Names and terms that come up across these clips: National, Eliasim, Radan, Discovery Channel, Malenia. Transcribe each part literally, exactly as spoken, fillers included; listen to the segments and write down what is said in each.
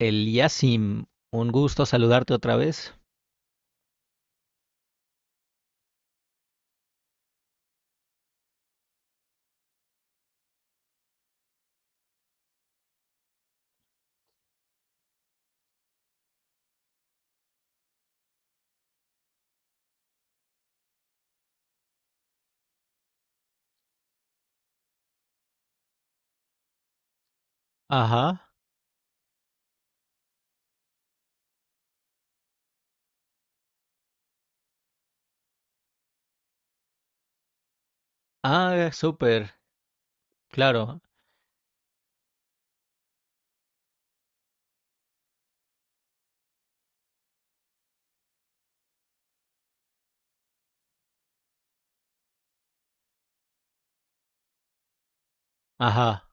Eliasim, un gusto saludarte otra vez. Ajá. Ah, súper, claro. Ajá.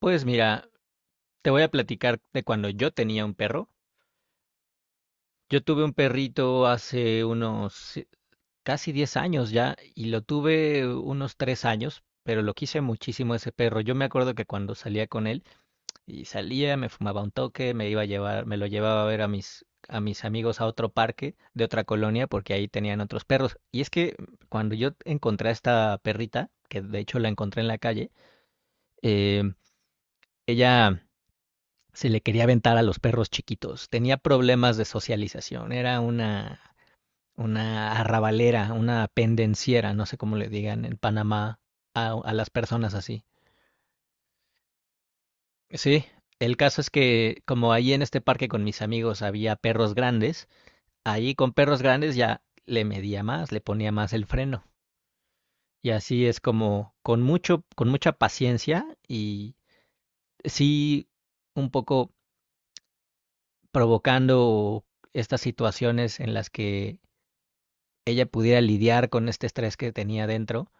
Pues mira, te voy a platicar de cuando yo tenía un perro. Yo tuve un perrito hace unos eh, casi diez años ya y lo tuve unos tres años, pero lo quise muchísimo ese perro. Yo me acuerdo que cuando salía con él, y salía, me fumaba un toque, me iba a llevar, me lo llevaba a ver a mis, a mis amigos a otro parque de otra colonia porque ahí tenían otros perros. Y es que cuando yo encontré a esta perrita, que de hecho la encontré en la calle, eh, ella se le quería aventar a los perros chiquitos. Tenía problemas de socialización. Era una, una arrabalera, una pendenciera, no sé cómo le digan en Panamá a, a las personas así. Sí, el caso es que como ahí en este parque con mis amigos había perros grandes, ahí con perros grandes ya le medía más, le ponía más el freno. Y así es como con mucho, con mucha paciencia y sí un poco provocando estas situaciones en las que ella pudiera lidiar con este estrés que tenía dentro.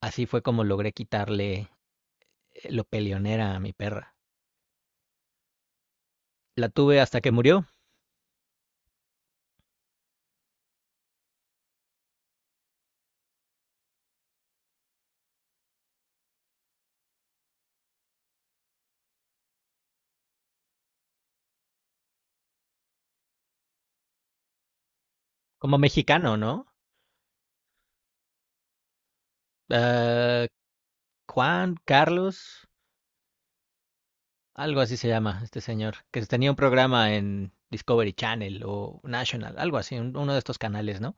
Así fue como logré quitarle eh, lo peleonera a mi perra. La tuve hasta que murió, como mexicano, ¿no? Uh, Juan, Carlos, algo así se llama este señor, que tenía un programa en Discovery Channel o National, algo así, un- uno de estos canales, ¿no?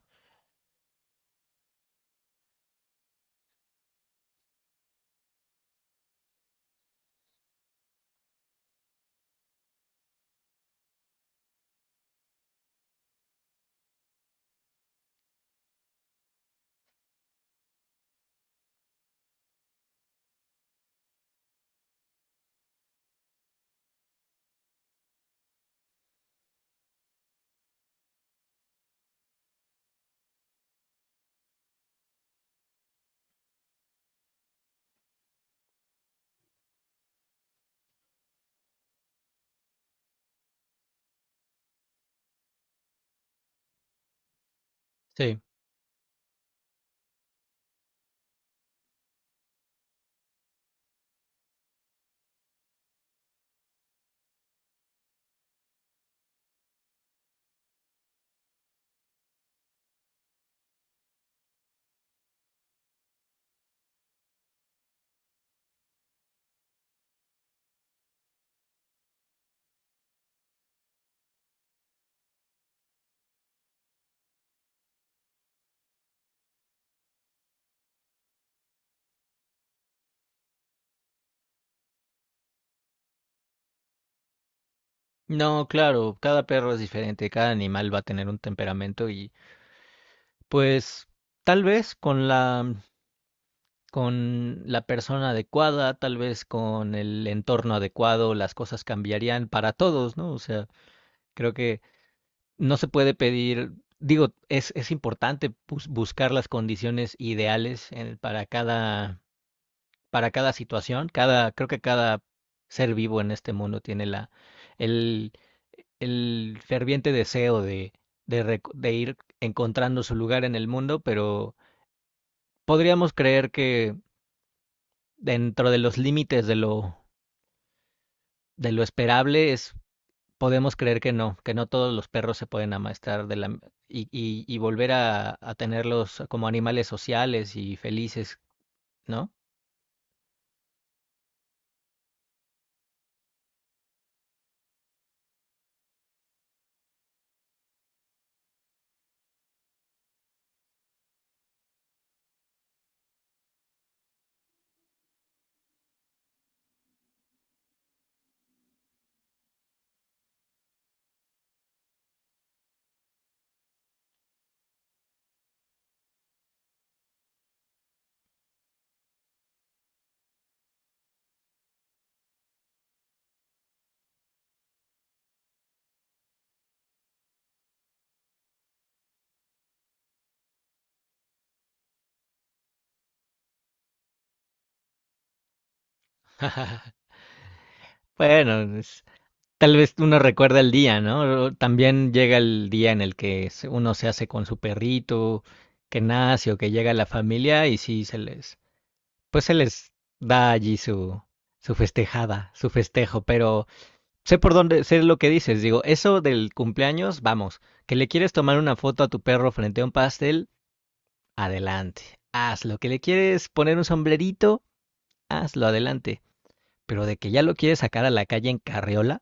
Sí. No, claro, cada perro es diferente, cada animal va a tener un temperamento y pues tal vez con la mm, con la persona adecuada, tal vez con el entorno adecuado, las cosas cambiarían para todos, ¿no? O sea, creo que no se puede pedir, digo, es es importante bus- buscar las condiciones ideales en- para cada para cada situación, cada, creo que cada ser vivo en este mundo tiene la, el, el ferviente deseo de, de, rec- de ir encontrando su lugar en el mundo, pero podríamos creer que dentro de los límites de lo, de lo esperable es, podemos creer que no, que no todos los perros se pueden amastar de la, y, y, y volver a, a tenerlos como animales sociales y felices, ¿no? Bueno, es- tal vez uno recuerda el día, ¿no? También llega el día en el que se- uno se hace con su perrito, que nace o que llega la familia y sí se les, pues se les da allí su, su festejada, su festejo, pero sé por dónde, sé lo que dices, digo, eso del cumpleaños, vamos, que le quieres tomar una foto a tu perro frente a un pastel, adelante, hazlo, que le quieres poner un sombrerito, hazlo, adelante, pero de que ya lo quieres sacar a la calle en carriola.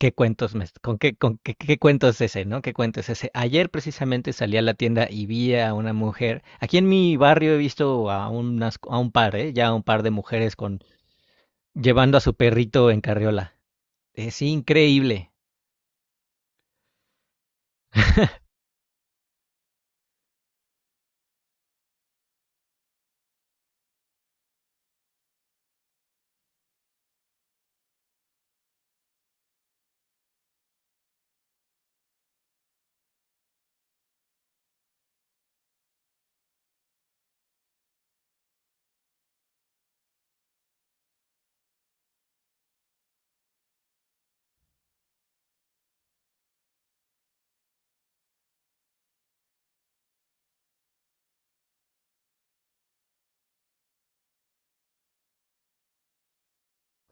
¿Qué cuentos me, con qué, con qué, ¿qué cuento es ese, ¿no? ¿Qué cuento es ese? Ayer precisamente salí a la tienda y vi a una mujer. Aquí en mi barrio he visto a unas, a un par, ¿eh? Ya un par de mujeres con llevando a su perrito en carriola. Es increíble.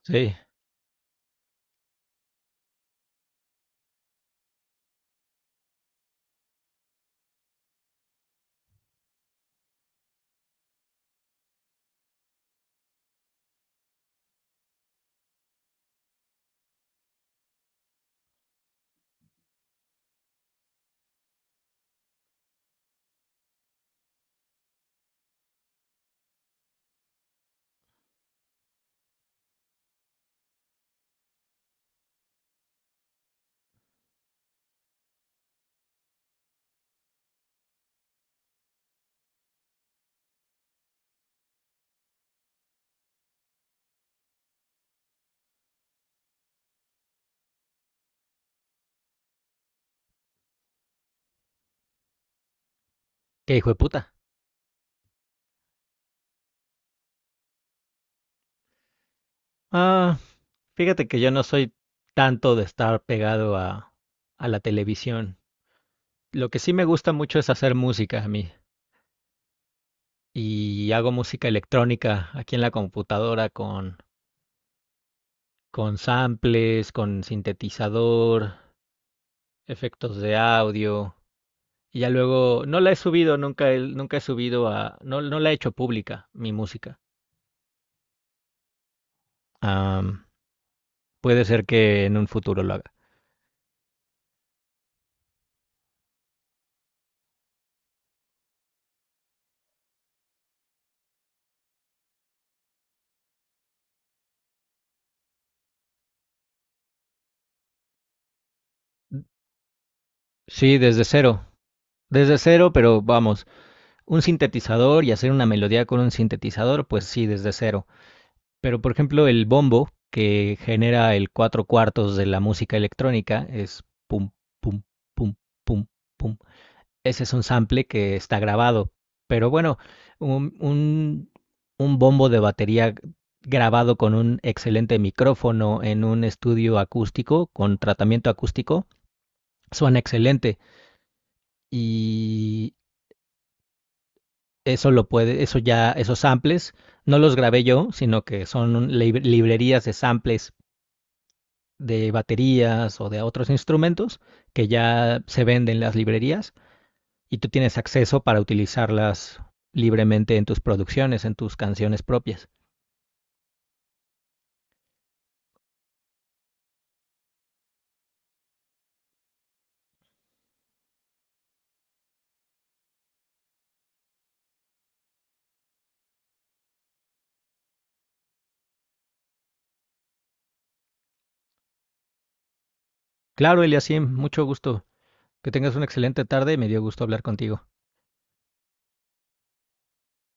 Sí. Qué hijo de puta. Ah, fíjate que yo no soy tanto de estar pegado a, a la televisión. Lo que sí me gusta mucho es hacer música a mí. Y hago música electrónica aquí en la computadora con con samples, con sintetizador, efectos de audio. Y ya luego, no la he subido, nunca, he- nunca he subido a, no, no la he hecho pública, mi música. Am, puede ser que en un futuro lo haga. Sí, desde cero, desde cero, pero vamos, un sintetizador y hacer una melodía con un sintetizador, pues sí, desde cero. Pero por ejemplo, el bombo, que genera el cuatro cuartos de la música electrónica, es pum, pum, pum, pum, pum, ese es un sample que está grabado. Pero bueno, un, un, un bombo de batería grabado con un excelente micrófono en un estudio acústico, con tratamiento acústico, suena excelente. Y eso lo puede, eso ya, esos samples, no los grabé yo, sino que son librerías de samples de baterías o de otros instrumentos que ya se venden en las librerías y tú tienes acceso para utilizarlas libremente en tus producciones, en tus canciones propias. Claro, Eliasim, mucho gusto. Que tengas una excelente tarde y me dio gusto hablar contigo.